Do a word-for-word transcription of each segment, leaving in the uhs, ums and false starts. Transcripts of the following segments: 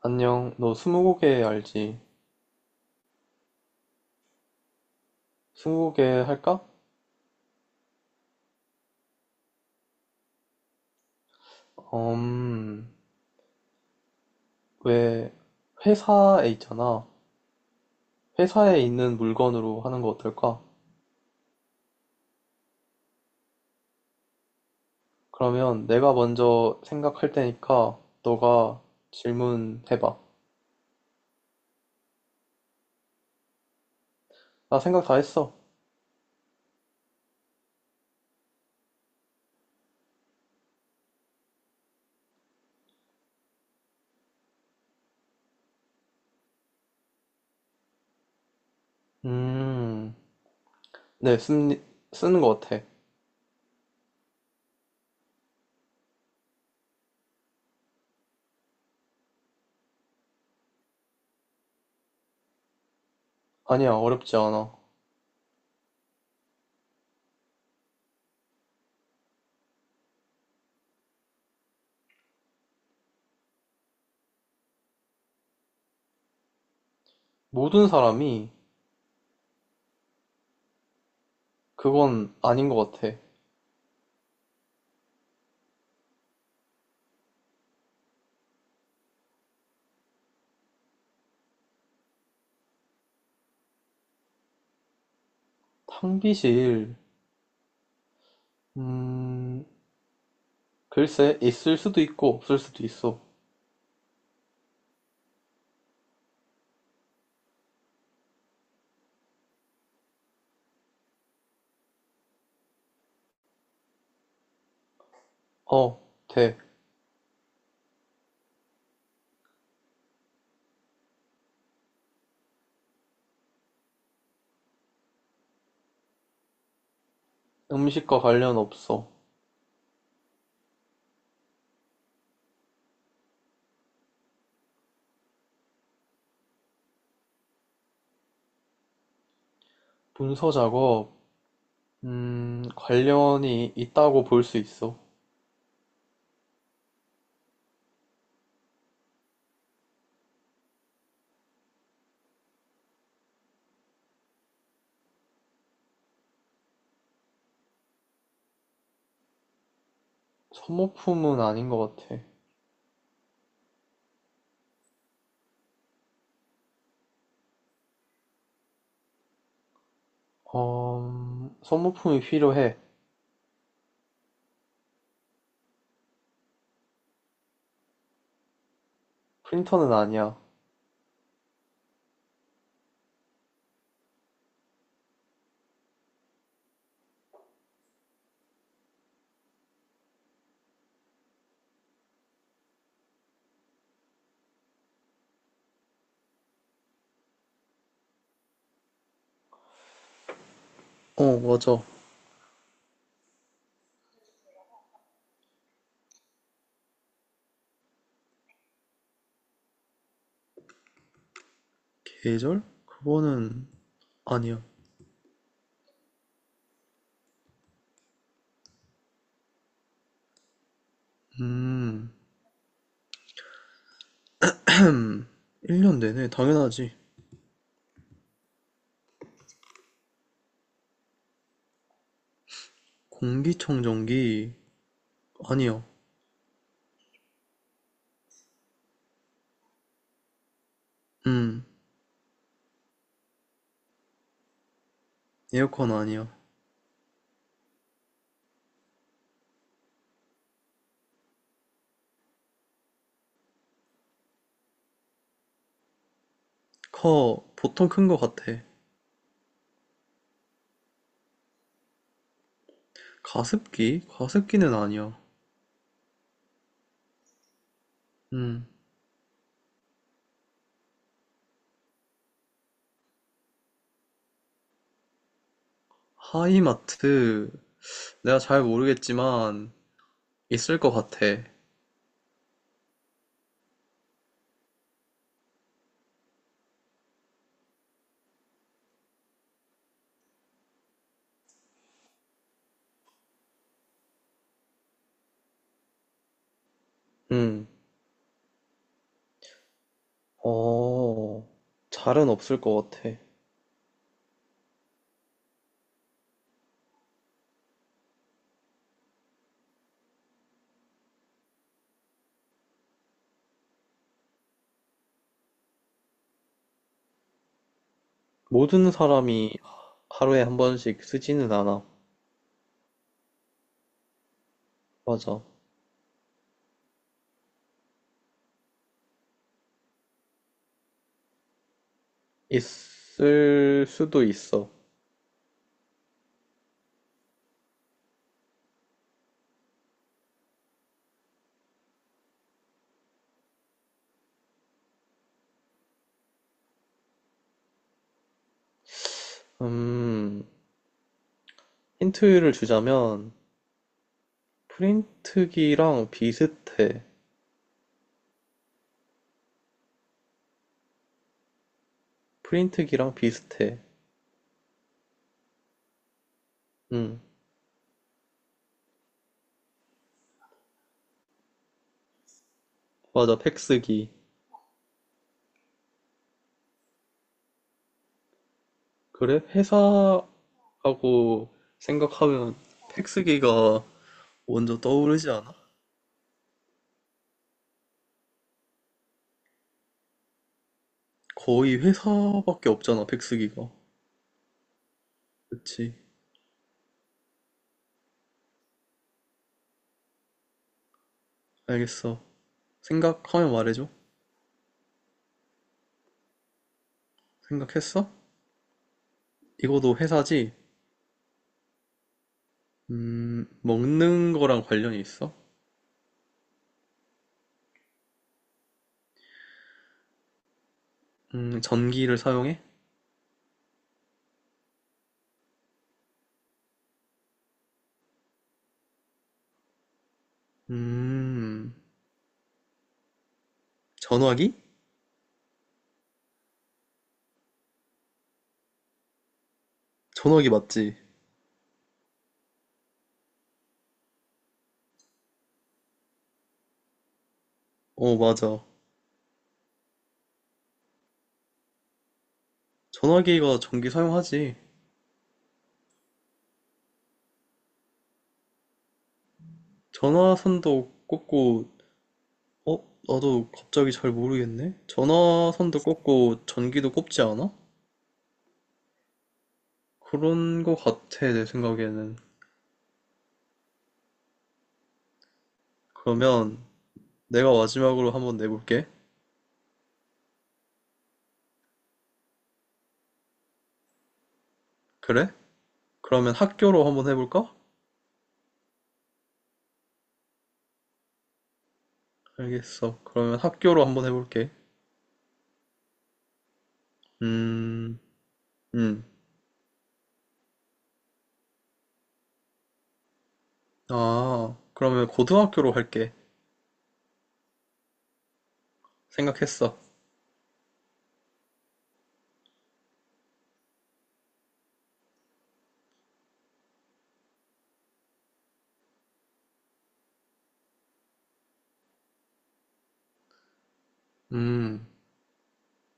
안녕, 너 스무고개 알지? 스무고개 할까? 음, 왜, 회사에 있잖아. 회사에 있는 물건으로 하는 거 어떨까? 그러면 내가 먼저 생각할 테니까 너가 질문해봐. 나 생각 다 했어. 음, 네, 쓴, 쓰는 거 같아. 아니야, 어렵지 않아. 모든 사람이 그건 아닌 거 같아. 탕비실, 음, 글쎄, 있을 수도 있고 없을 수도 있어. 어, 돼. 음식과 관련 없어. 문서 작업, 음, 관련이 있다고 볼 수 있어. 소모품은 아닌 것 같아. 어, 소모품이 필요해. 프린터는 아니야. 어, 맞아. 계절? 그거는 아니야. 음, 음, 일 년 내내 당연하지. 공기청정기 아니야. 음, 에어컨 아니야. 커, 보통 큰 것 같아. 가습기? 가습기는 아니야. 음, 하이마트 내가 잘 모르겠지만 있을 것 같아. 음. 어, 잘은 없을 것 같아. 모든 사람이 하루에 한 번씩 쓰지는 않아. 맞아. 있을 수도 있어. 음, 힌트를 주자면 프린트기랑 비슷해. 프린트기랑 비슷해. 응 맞아. 팩스기. 그래? 회사하고 생각하면 팩스기가 먼저 떠오르지 않아? 거의 회사밖에 없잖아, 백수기가. 그치. 알겠어. 생각하면 말해줘. 생각했어? 이거도 회사지? 음, 먹는 거랑 관련이 있어? 음, 전기를 사용해? 음, 전화기? 전화기 맞지? 어, 맞아. 전화기가 전기 사용하지. 전화선도 꽂고, 어? 나도 갑자기 잘 모르겠네? 전화선도 꽂고, 전기도 꽂지 않아? 그런 거 같아, 내 생각에는. 그러면, 내가 마지막으로 한번 내볼게. 그래? 그러면 학교로 한번 해볼까? 알겠어. 그러면 학교로 한번 해볼게. 음, 음. 아, 그러면 고등학교로 할게. 생각했어. 음,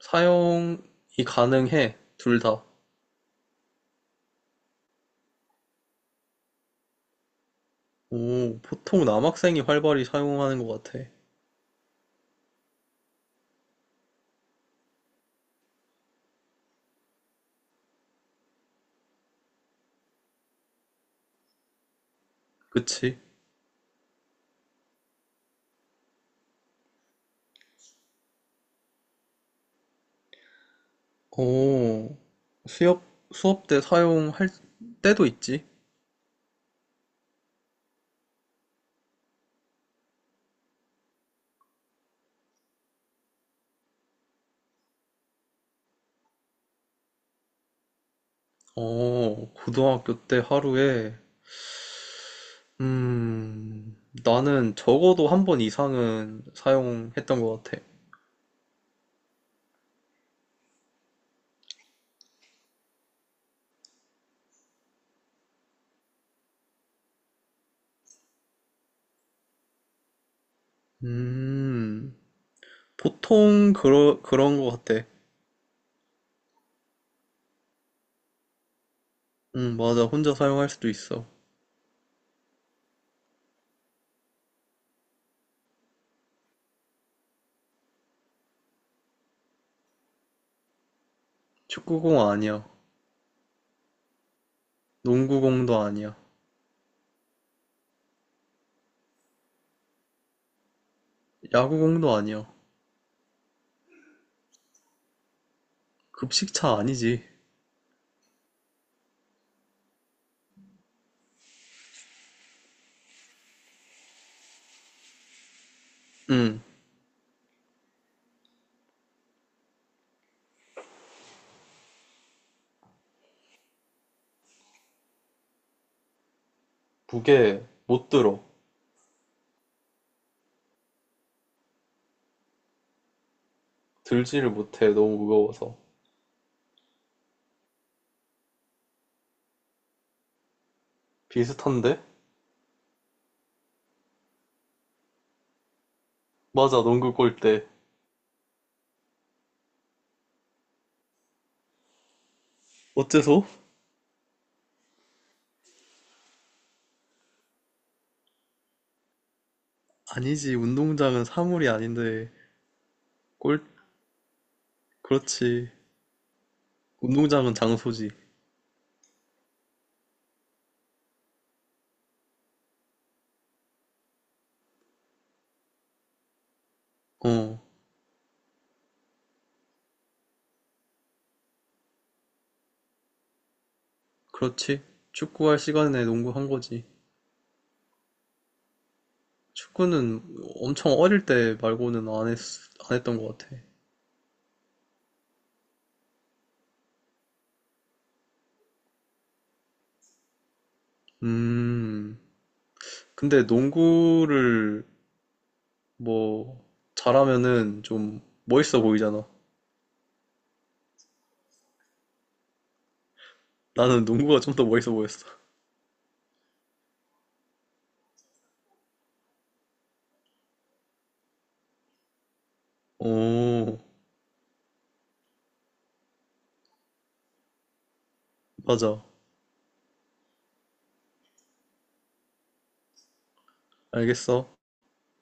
사용이 가능해. 둘 다. 오, 보통 남학생이 활발히 사용하는 것 같아. 그치? 오, 수업, 수업 때 사용할 때도 있지. 어, 고등학교 때 하루에 음, 나는 적어도 한 번 이상은 사용했던 것 같아. 음, 보통 그러, 그런 것 같아. 응 맞아. 혼자 사용할 수도 있어. 축구공 아니야. 농구공도 아니야. 야구공도 아니야. 급식차 아니지. 음, 무게 못 들어. 들지를 못해. 너무 무거워서. 비슷한데? 맞아. 농구 골대. 어째서? 아니지. 운동장은 사물이 아닌데. 골, 그렇지. 운동장은 장소지. 어. 그렇지. 축구할 시간에 농구한 거지. 축구는 엄청 어릴 때 말고는 안 했, 안 했던 것 같아. 음, 근데 농구를 뭐 잘하면은 좀 멋있어 보이잖아. 나는 농구가 좀 더 멋있어 보였어. 오, 맞아. 알겠어.